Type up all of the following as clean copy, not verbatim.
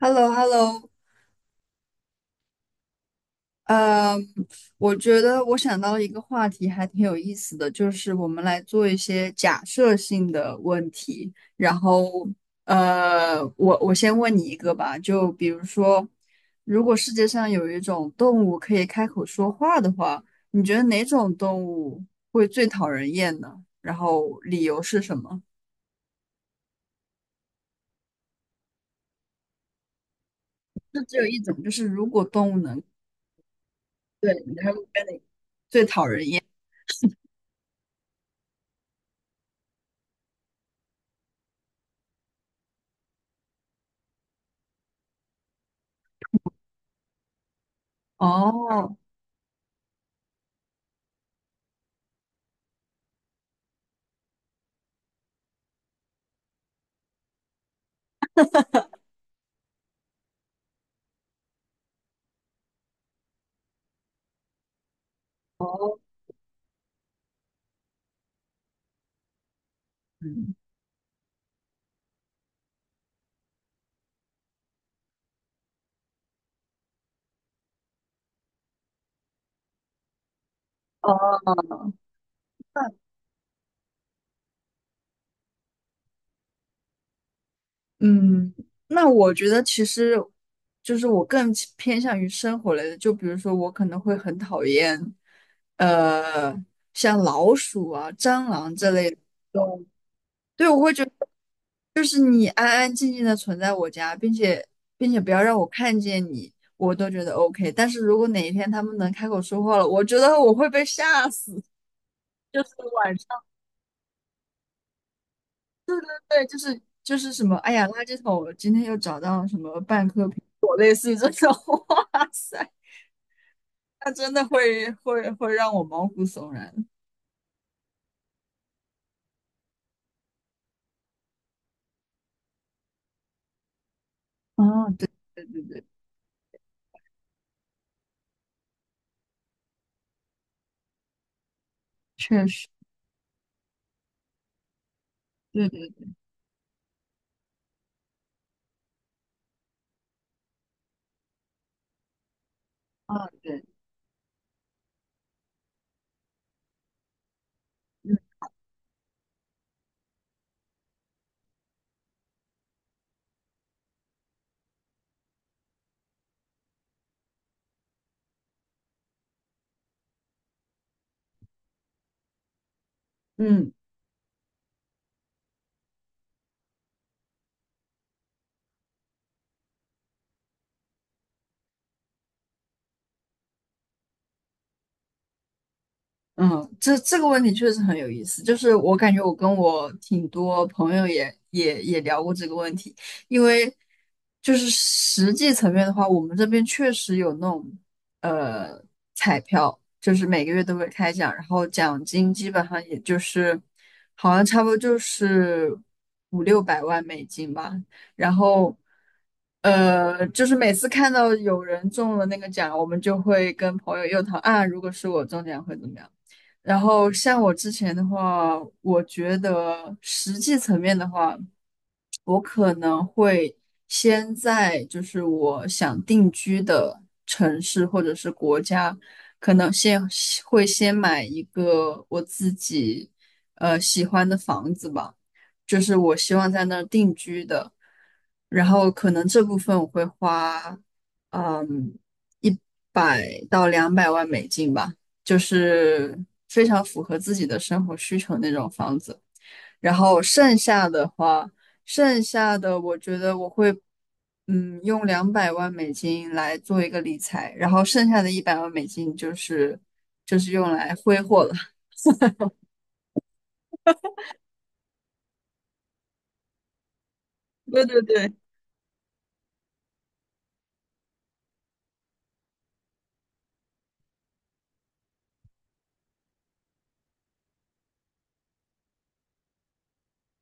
h e l l o h e l l o 呃，我觉得我想到了一个话题，还挺有意思的，就是我们来做一些假设性的问题。我先问你一个吧，就比如说，如果世界上有一种动物可以开口说话的话，你觉得哪种动物会最讨人厌呢？然后理由是什么？就只有一种，就是如果动物能，对，你还会跟你，哦，哦，嗯。哦。嗯，那我觉得其实就是我更倾偏向于生活类的，就比如说我可能会很讨厌，呃，像老鼠啊、蟑螂这类的动物。对，我会觉得就是你安安静静的存在我家，并且不要让我看见你，我都觉得 OK。但是如果哪一天他们能开口说话了，我觉得我会被吓死。就是晚上，对，就是什么，哎呀，垃圾桶，我今天又找到什么半颗苹，类似于这种，哇塞。他真的会让我毛骨悚然。啊！对对对对，确实，对对，啊对，嗯嗯。嗯，这这个问题确实很有意思，就是我感觉我跟我挺多朋友也聊过这个问题，因为就是实际层面的话，我们这边确实有那种呃彩票，就是每个月都会开奖，然后奖金基本上也就是好像差不多就是五六百万美元吧，然后就是每次看到有人中了那个奖，我们就会跟朋友又讨啊，如果是我中奖会怎么样？然后像我之前的话，我觉得实际层面的话，我可能会先在就是我想定居的城市或者是国家，可能先会先买一个我自己喜欢的房子吧。就是我希望在那儿定居的。然后可能这部分我会花，嗯，100到200万美元吧，就是非常符合自己的生活需求那种房子。然后剩下的话，剩下的我觉得我会，用两百万美金来做一个理财，然后剩下的100万美元就是用来挥霍了。对对对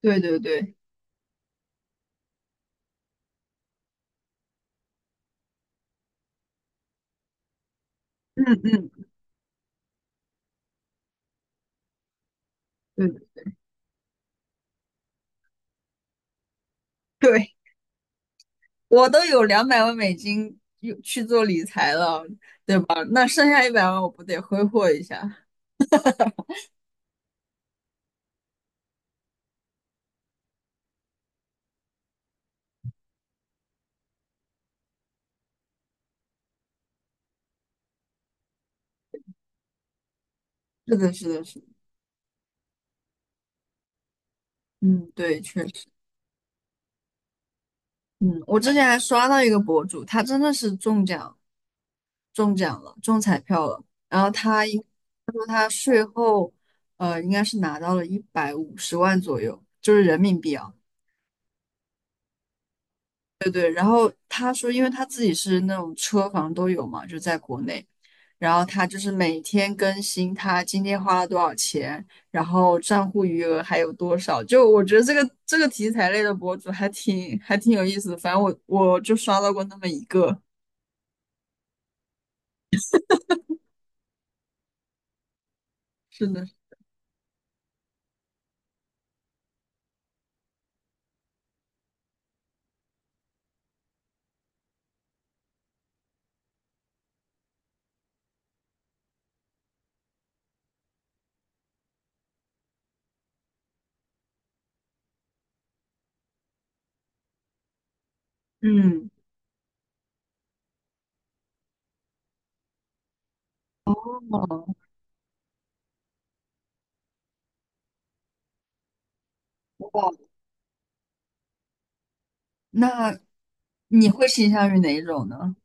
对对对，嗯嗯，对对。我都有两百万美金用去做理财了，对吧？那剩下一百万我不得挥霍一下？是的，是的，是的嗯，对，确实，嗯，我之前还刷到一个博主，他真的是中奖，中奖了，中彩票了，然后他应说他税后，应该是拿到了150万左右，就是人民币啊。对对，然后他说，因为他自己是那种车房都有嘛，就在国内，然后他就是每天更新他今天花了多少钱，然后账户余额还有多少。就我觉得这个题材类的博主还挺有意思的，反正我就刷到过那么一个。是的，嗯，哦，哇那你会倾向于哪一种呢？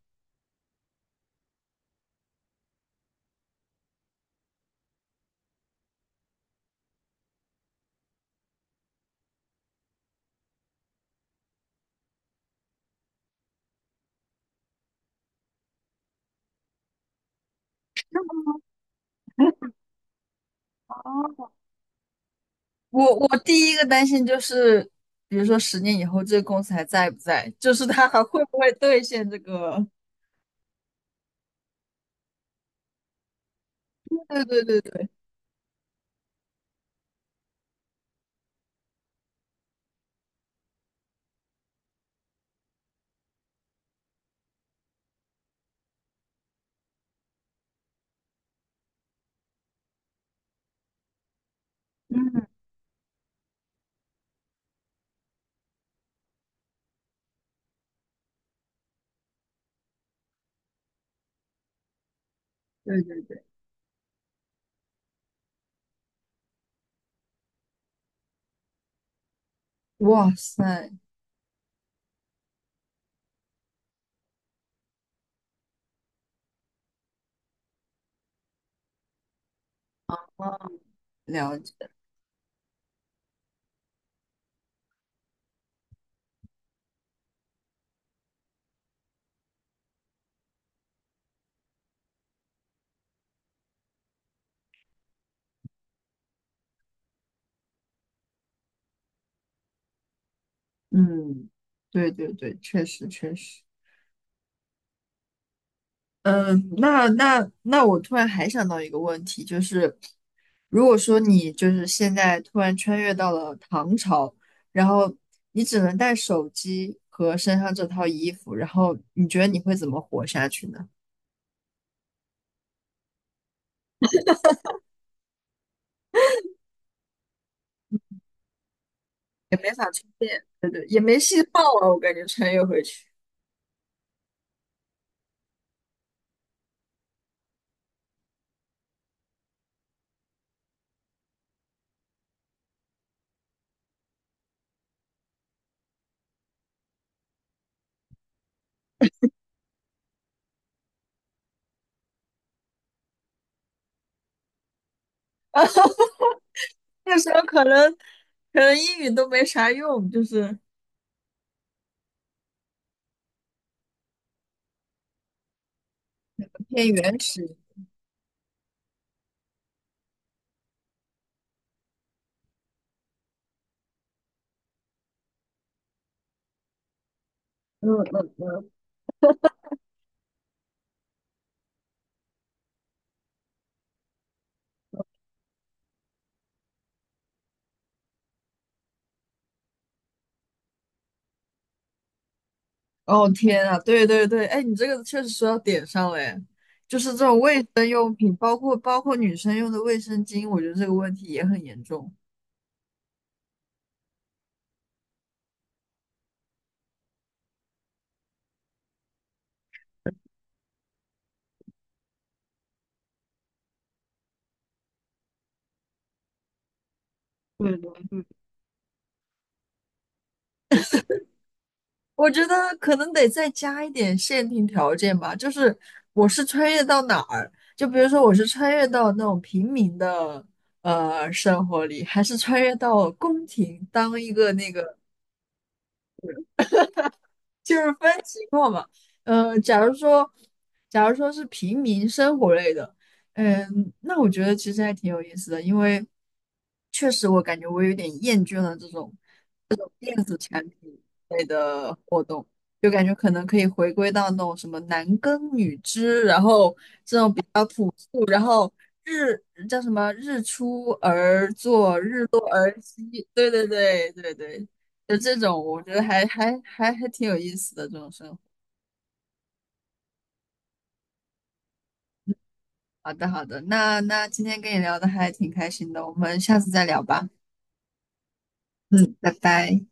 我第一个担心就是，比如说10年以后这个公司还在不在，就是他还会不会兑现这个。对对对对，嗯，对对对，哇塞，啊，了解，嗯，对对对，确实确实，嗯，那我突然还想到一个问题，就是如果说你就是现在突然穿越到了唐朝，然后你只能带手机和身上这套衣服，然后你觉得你会怎么活下去呢？也没法穿，对对，也没信号了，我感觉穿越回去，那时候可能可能英语都没啥用，就是。偏原始。哦天啊，对对对，哎，你这个确实说到点上了，哎，就是这种卫生用品，包括女生用的卫生巾，我觉得这个问题也很严重。对对对，我觉得可能得再加一点限定条件吧，就是我是穿越到哪儿，就比如说我是穿越到那种平民的生活里，还是穿越到宫廷当一个那个。就是分情况嘛。呃，假如说，假如说是平民生活类的，那我觉得其实还挺有意思的，因为确实我感觉我有点厌倦了这种电子产品类的活动，就感觉可能可以回归到那种什么男耕女织，然后这种比较朴素，然后日叫什么日出而作息，对对对对对，就这种我觉得还挺有意思的这种生活。好的，好的，那那今天跟你聊的还挺开心的，我们下次再聊吧。嗯，拜拜。